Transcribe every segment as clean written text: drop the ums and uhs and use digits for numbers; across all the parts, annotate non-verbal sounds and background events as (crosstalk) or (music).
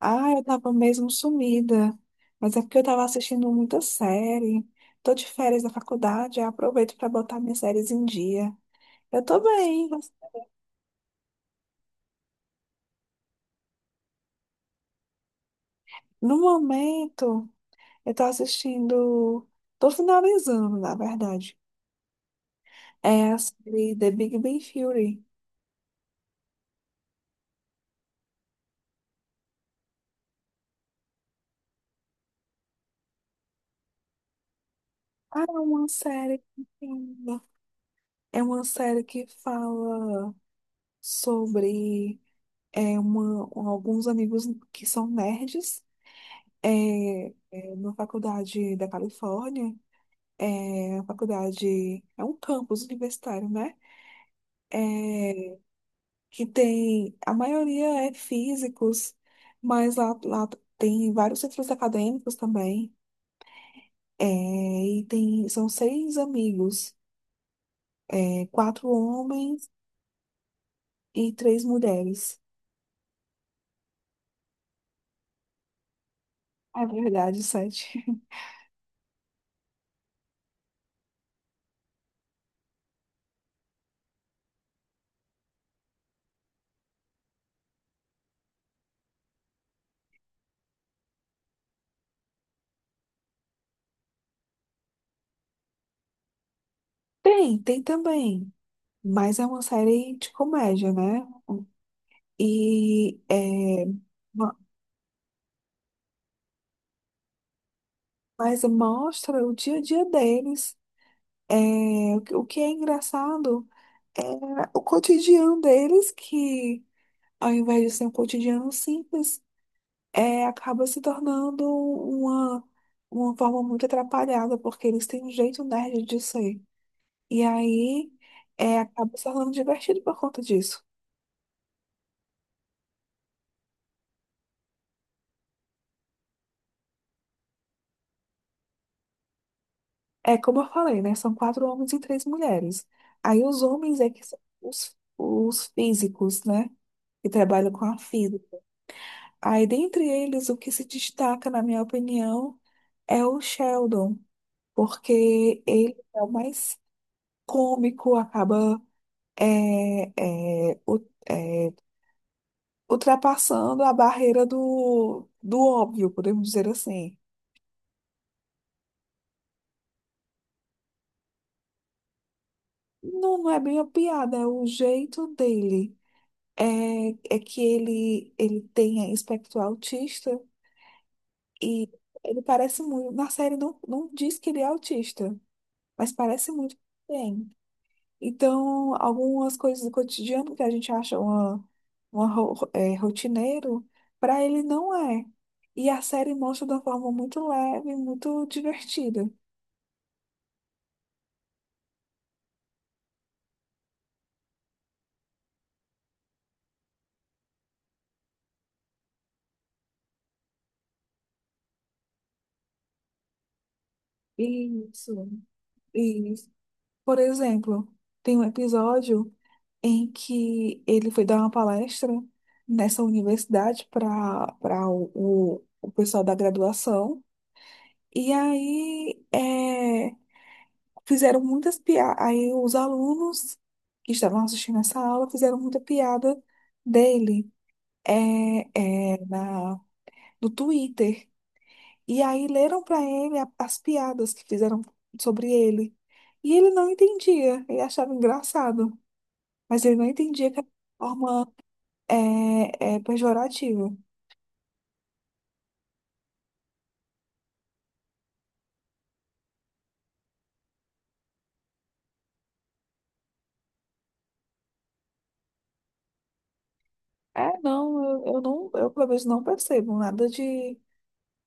Ah, eu tava mesmo sumida. Mas é porque eu tava assistindo muita série. Tô de férias da faculdade, eu aproveito para botar minhas séries em dia. Eu tô bem, mas no momento eu tô assistindo. Tô finalizando, na verdade. É a série The Big Bang Theory. Ah, é uma série linda. É uma série que fala sobre uma, alguns amigos que são nerds. É uma faculdade da Califórnia, é uma faculdade, é um campus universitário, né? É, que tem, a maioria é físicos, mas lá tem vários centros acadêmicos também. É, e tem, são seis amigos, é, quatro homens e três mulheres. É verdade, sete. (laughs) Tem, tem também, mas é uma série de comédia, né? E é, mas mostra o dia a dia deles. É, o que é engraçado é o cotidiano deles, que ao invés de ser um cotidiano simples, é, acaba se tornando uma forma muito atrapalhada, porque eles têm um jeito nerd de ser. E aí é, acaba se tornando divertido por conta disso. É como eu falei, né? São quatro homens e três mulheres. Aí os homens é que são os físicos, né? Que trabalham com a física. Aí, dentre eles, o que se destaca, na minha opinião, é o Sheldon, porque ele é o mais cômico, acaba é, é, u- é, ultrapassando a barreira do óbvio, podemos dizer assim. Não, não é bem uma piada, é o jeito dele. É, é que ele tem espectro autista e ele parece muito. Na série não, não diz que ele é autista, mas parece muito que tem. Então, algumas coisas do cotidiano que a gente acha uma, uma rotineiro, para ele não é. E a série mostra de uma forma muito leve, muito divertida. Isso. Isso, por exemplo, tem um episódio em que ele foi dar uma palestra nessa universidade para o pessoal da graduação. E aí, é, fizeram muitas piadas. Aí os alunos que estavam assistindo essa aula fizeram muita piada dele é, na, no Twitter. E aí leram para ele a- as piadas que fizeram sobre ele. E ele não entendia, ele achava engraçado, mas ele não entendia que era uma forma pejorativa. É, não, eu não, eu pelo menos não percebo nada de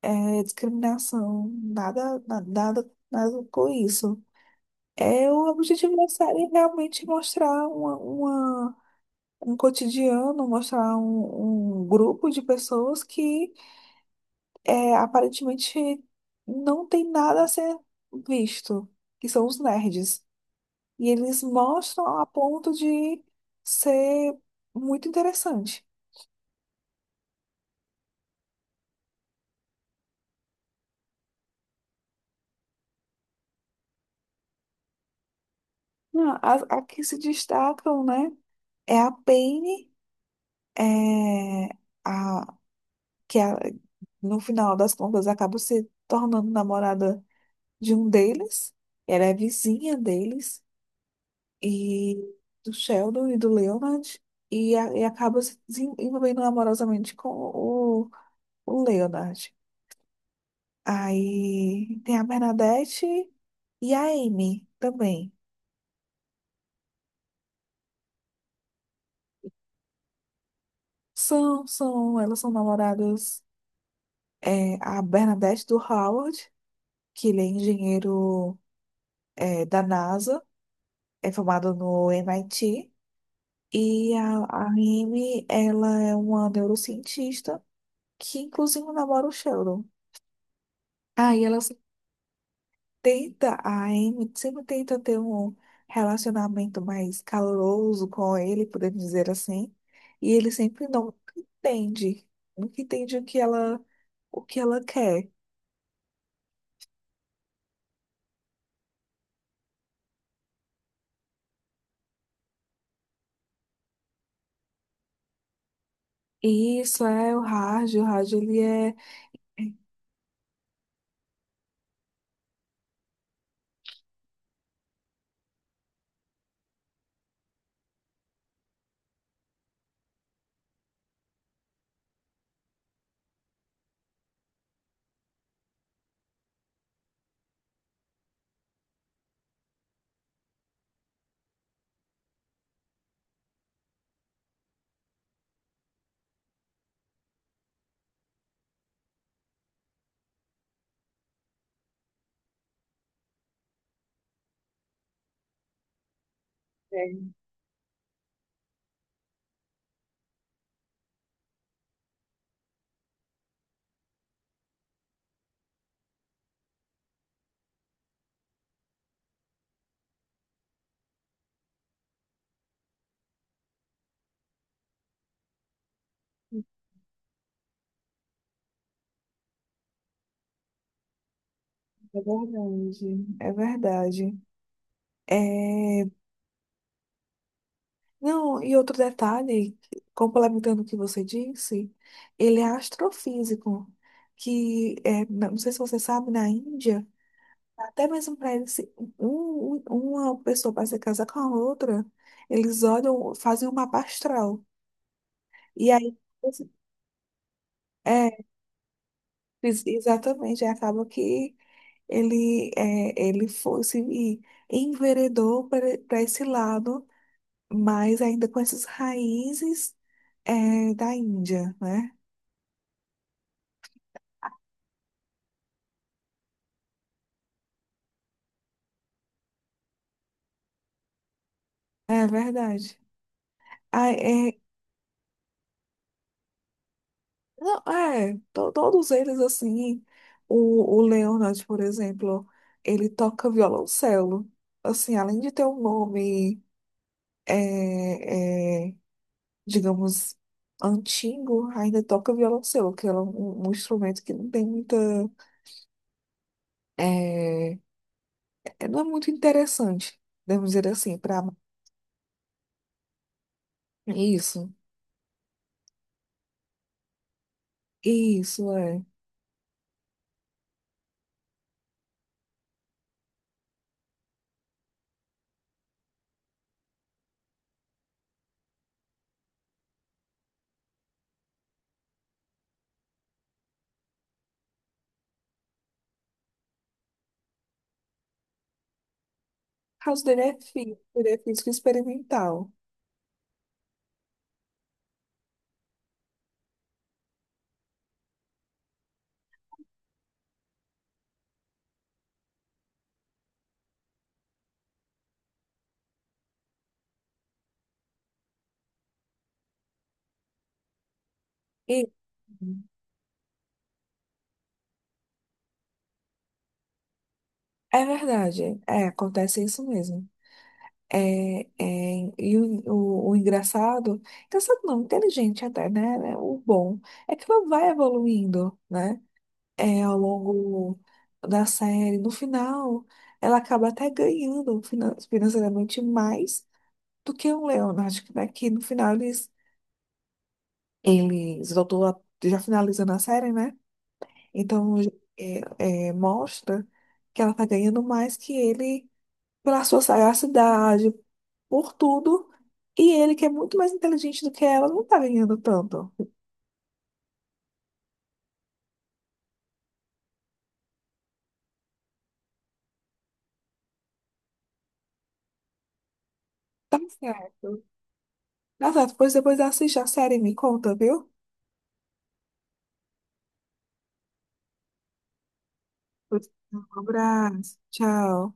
é, discriminação, nada, na- nada, nada com isso. É, o objetivo da série é realmente mostrar uma- um cotidiano, mostrar um, um grupo de pessoas que é, aparentemente não tem nada a ser visto, que são os nerds. E eles mostram a ponto de ser muito interessante. Não, as- a que se destacam, né? É a Penny, é, a, que a- no final das contas acaba se tornando namorada de um deles. Ela é vizinha deles e do Sheldon e do Leonard e, a- e acaba se desen- envolvendo amorosamente com o Leonard. Aí tem a Bernadette e a Amy também. São, são, elas são namoradas. É, a Bernadette do Howard, que ele é engenheiro é, da NASA, é formado no MIT. E a Amy, ela é uma neurocientista que, inclusive, namora o Sheldon. Aí ela se- tenta, a Amy sempre tenta ter um relacionamento mais caloroso com ele, podemos dizer assim. E ele sempre não entende, nunca entende o que ela quer. E isso é o Raj, ele é... É, é verdade, é verdade. É, não, e outro detalhe, complementando o que você disse, ele é astrofísico, que é, não sei se você sabe, na Índia, até mesmo para eles, se- um- um, uma pessoa para se casar com a outra, eles olham, fazem um mapa astral. E aí, é, ex- exatamente, aí acaba que ele, é, ele foi, se enveredou para esse lado, mas ainda com essas raízes, é, da Índia, né? É verdade. Ah, é, não, é, to- todos eles, assim, o Leonard, por exemplo, ele toca violoncelo. Assim, além de ter um nome, é, é, digamos, antigo, ainda toca violoncelo, que é um, um instrumento que não tem muita, é, é- não é muito interessante, devemos dizer assim, para isso, isso, é. O caso dele é físico, ele é físico experimental. E é verdade, é, acontece isso mesmo. E o engraçado, engraçado não, inteligente até, né? Né, o bom é que ela vai evoluindo, né? É, ao longo da série. No final, ela acaba até ganhando finan- financeiramente mais do que o Leonard, né? Que no final eles, eles voltou a- já finalizando a série, né? Então, é, é, mostra que ela tá ganhando mais que ele pela sua sagacidade, por tudo. E ele, que é muito mais inteligente do que ela, não tá ganhando tanto. Tá certo. Tá certo, pois depois assiste a série e me conta, viu? Um abraço. Tchau.